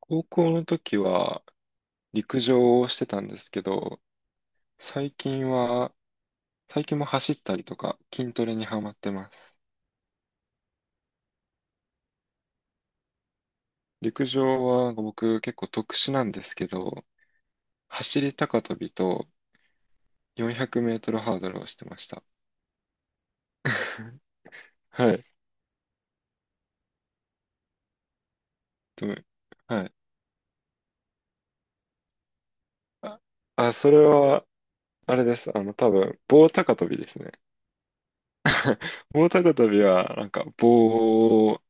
高校の時は陸上をしてたんですけど、最近は、最近も走ったりとか筋トレにハマってます。陸上は僕結構特殊なんですけど、走り高跳びと400メートルハードルをしてました。はい。でもはい。あ、あ、それは、あれです。多分、棒高跳びですね。棒高跳びは、棒を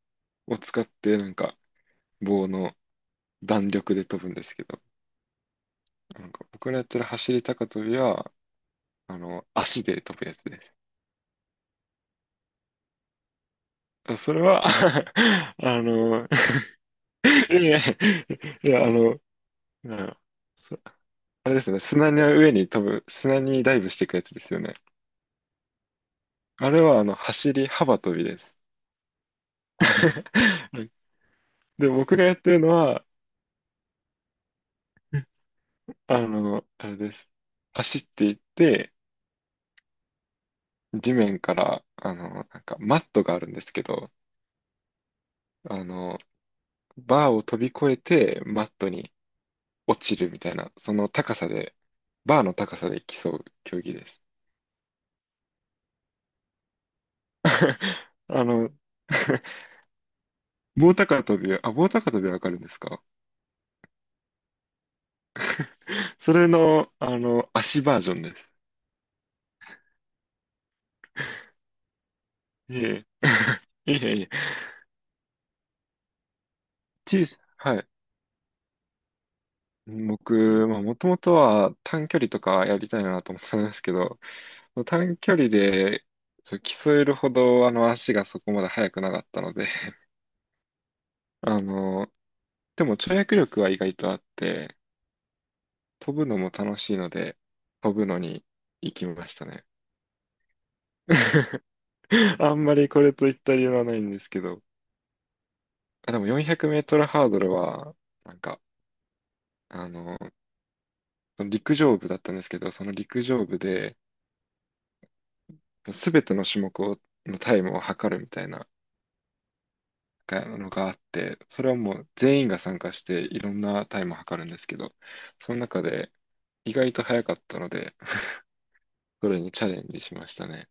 使って、棒の弾力で飛ぶんですけど、なんか僕らやってる走り高跳びは、足で飛ぶやつです。あそれは あの、いや、いや、うん。あれですね、砂の上に飛ぶ、砂にダイブしていくやつですよね。あれは、走り幅跳びです。はい。で、僕がやってるのは、あれです。走っていって、地面から、マットがあるんですけど、あの、バーを飛び越えて、マットに落ちるみたいな、その高さで、バーの高さで競う競技です。あの、棒高跳びは、あ、棒高跳びはわかるんですか？それの、足バージョンです。いえいえ、いえいえ、小さ、はい。僕、まあ、もともとは短距離とかやりたいなと思ってたんですけど、短距離でそう競えるほどあの足がそこまで速くなかったので、あの、でも跳躍力は意外とあって、飛ぶのも楽しいので、飛ぶのに行きましたね。あんまりこれといった理由はないんですけど、あ、でも400メートルハードルは、なんか、あの、その陸上部だったんですけど、その陸上部で、すべての種目を、のタイムを測るみたいながのがあって、それはもう全員が参加して、いろんなタイムを測るんですけど、その中で意外と早かったので、それにチャレンジしましたね。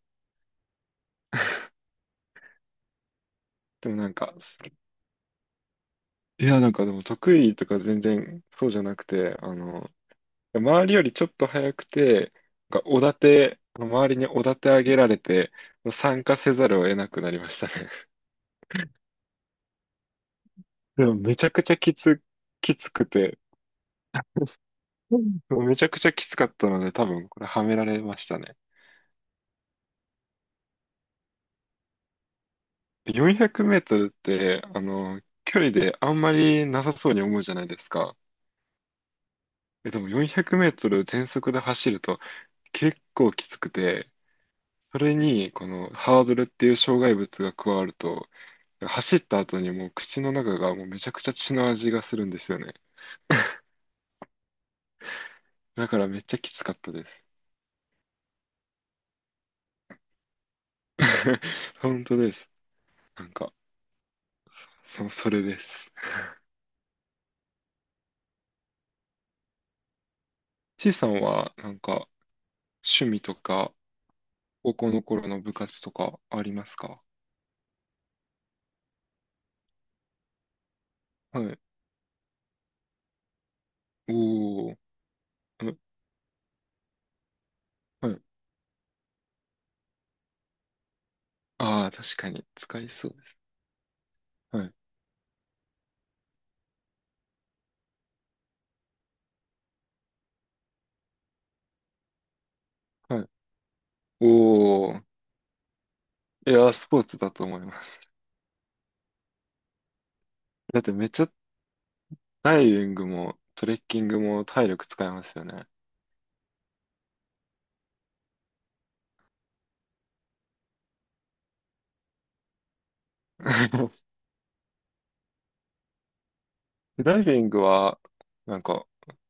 でもなんか、いや、なんかでも得意とか全然そうじゃなくて、周りよりちょっと早くて、なんかおだて、周りにおだて上げられて、参加せざるを得なくなりましたね。でもめちゃくちゃきつ、きつくて、うん、めちゃくちゃきつかったので、多分これはめられましたね。400メートルって、距離であんまりなさそうに思うじゃないですか。え、でも400メートル全速で走ると結構きつくて、それに、このハードルっていう障害物が加わると、走った後にもう口の中がもうめちゃくちゃ血の味がするんですよね。だからめっちゃきつかったです。本当です。なんか、そ、それです。C さんは、なんか、趣味とか、高校の頃の部活とかありますか？はい。おー。あ、はい。ああ、確かに、使いそうです。はい。はい。おー。いやー、スポーツだと思います。だってめっちゃダイビングもトレッキングも体力使いますよね。ダイビングは、なんか、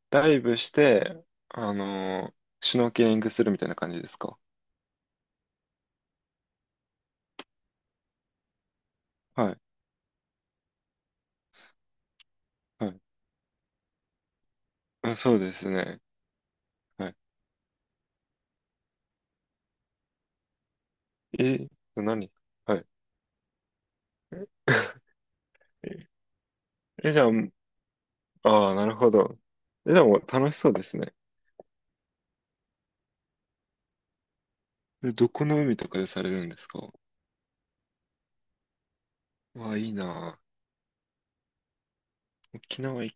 ダイブして、シュノーケリングするみたいな感じですか？はい。はい。あ、そうですね。はい。え、何、はい。え、じゃあ、ああ、なるほど。え、でも楽しそうですね。え、どこの海とかでされるんですか？わあ、いいな。あ、沖縄いい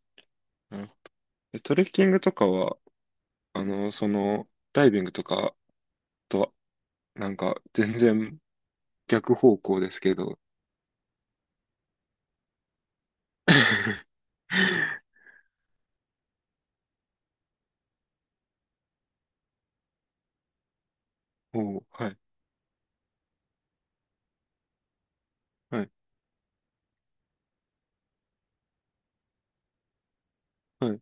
な。なるほど。え、トレッキングとかは、あの、その、ダイビングとかとなんか、全然逆方向ですけど。おー、はい、はい、はい、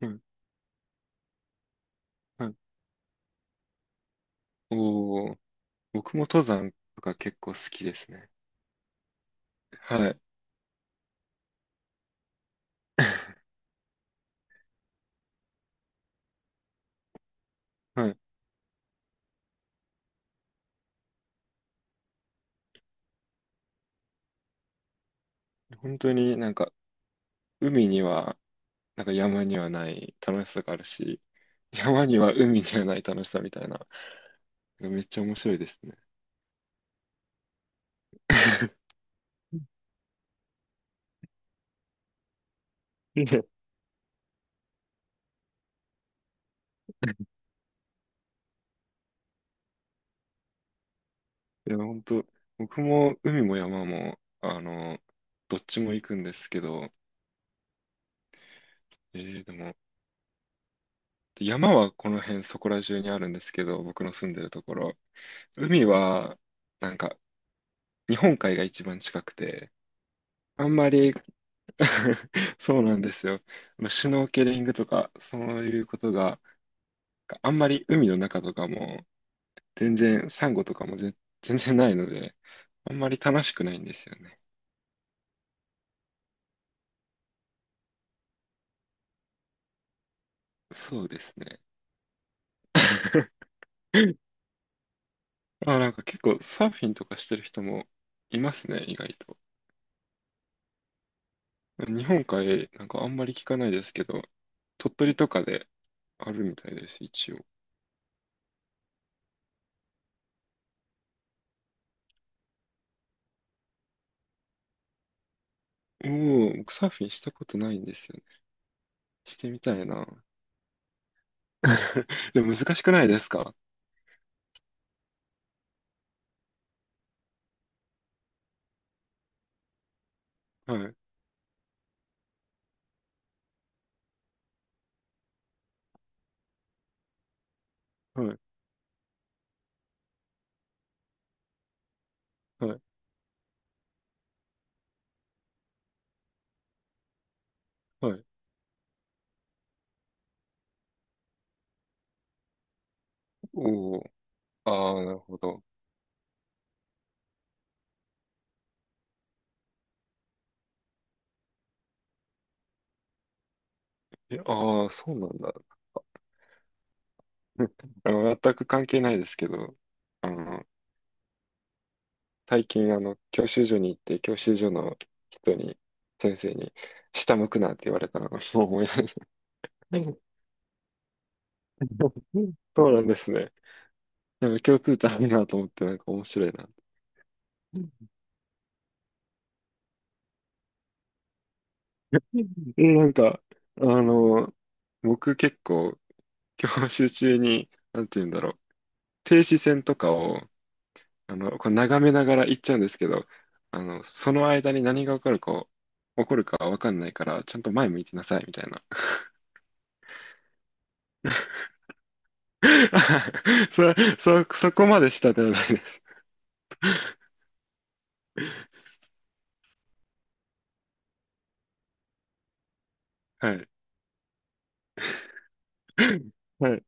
はい、はい。おー、僕も登山とか結構好きですね。はい、はい。本当になんか、海には、なんか山にはない楽しさがあるし、山には海にはない楽しさみたいな、めっちゃ面白いですね。いや、いや本当、僕も海も山も、どっちも行くんですけど、えー、でも、で山はこの辺そこら中にあるんですけど、僕の住んでるところ。海は、なんか、日本海が一番近くて、あんまり そうなんですよ。まあシュノーケリングとか、そういうことが、あんまり海の中とかも、全然、サンゴとかもぜ全然ないので、あんまり楽しくないんですよね。そうですね。あ、なんか結構サーフィンとかしてる人もいますね、意外と。日本海、なんかあんまり聞かないですけど、鳥取とかであるみたいです、一応。おう、僕サーフィンしたことないんですよね。してみたいな。でも難しくないですか？はい、はい、はい、はい。おー、ああ、なるほど。え、ああ、そうなんだ。全く関係ないですけど、あの、最近、教習所に行って、教習所の人に、先生に、下向くなって言われたのがもう思い出す。 そうなんですね。なんか共通点あるなと思って、なんか面白いな。え、なんか、あの、僕結構、教習中に、なんて言うんだろう、停止線とかを、こう眺めながら行っちゃうんですけど、その間に何が起こるか、起こるかわかんないから、ちゃんと前向いてなさい、みたいな。そ、そ、そこまでしたではないです。はい。はい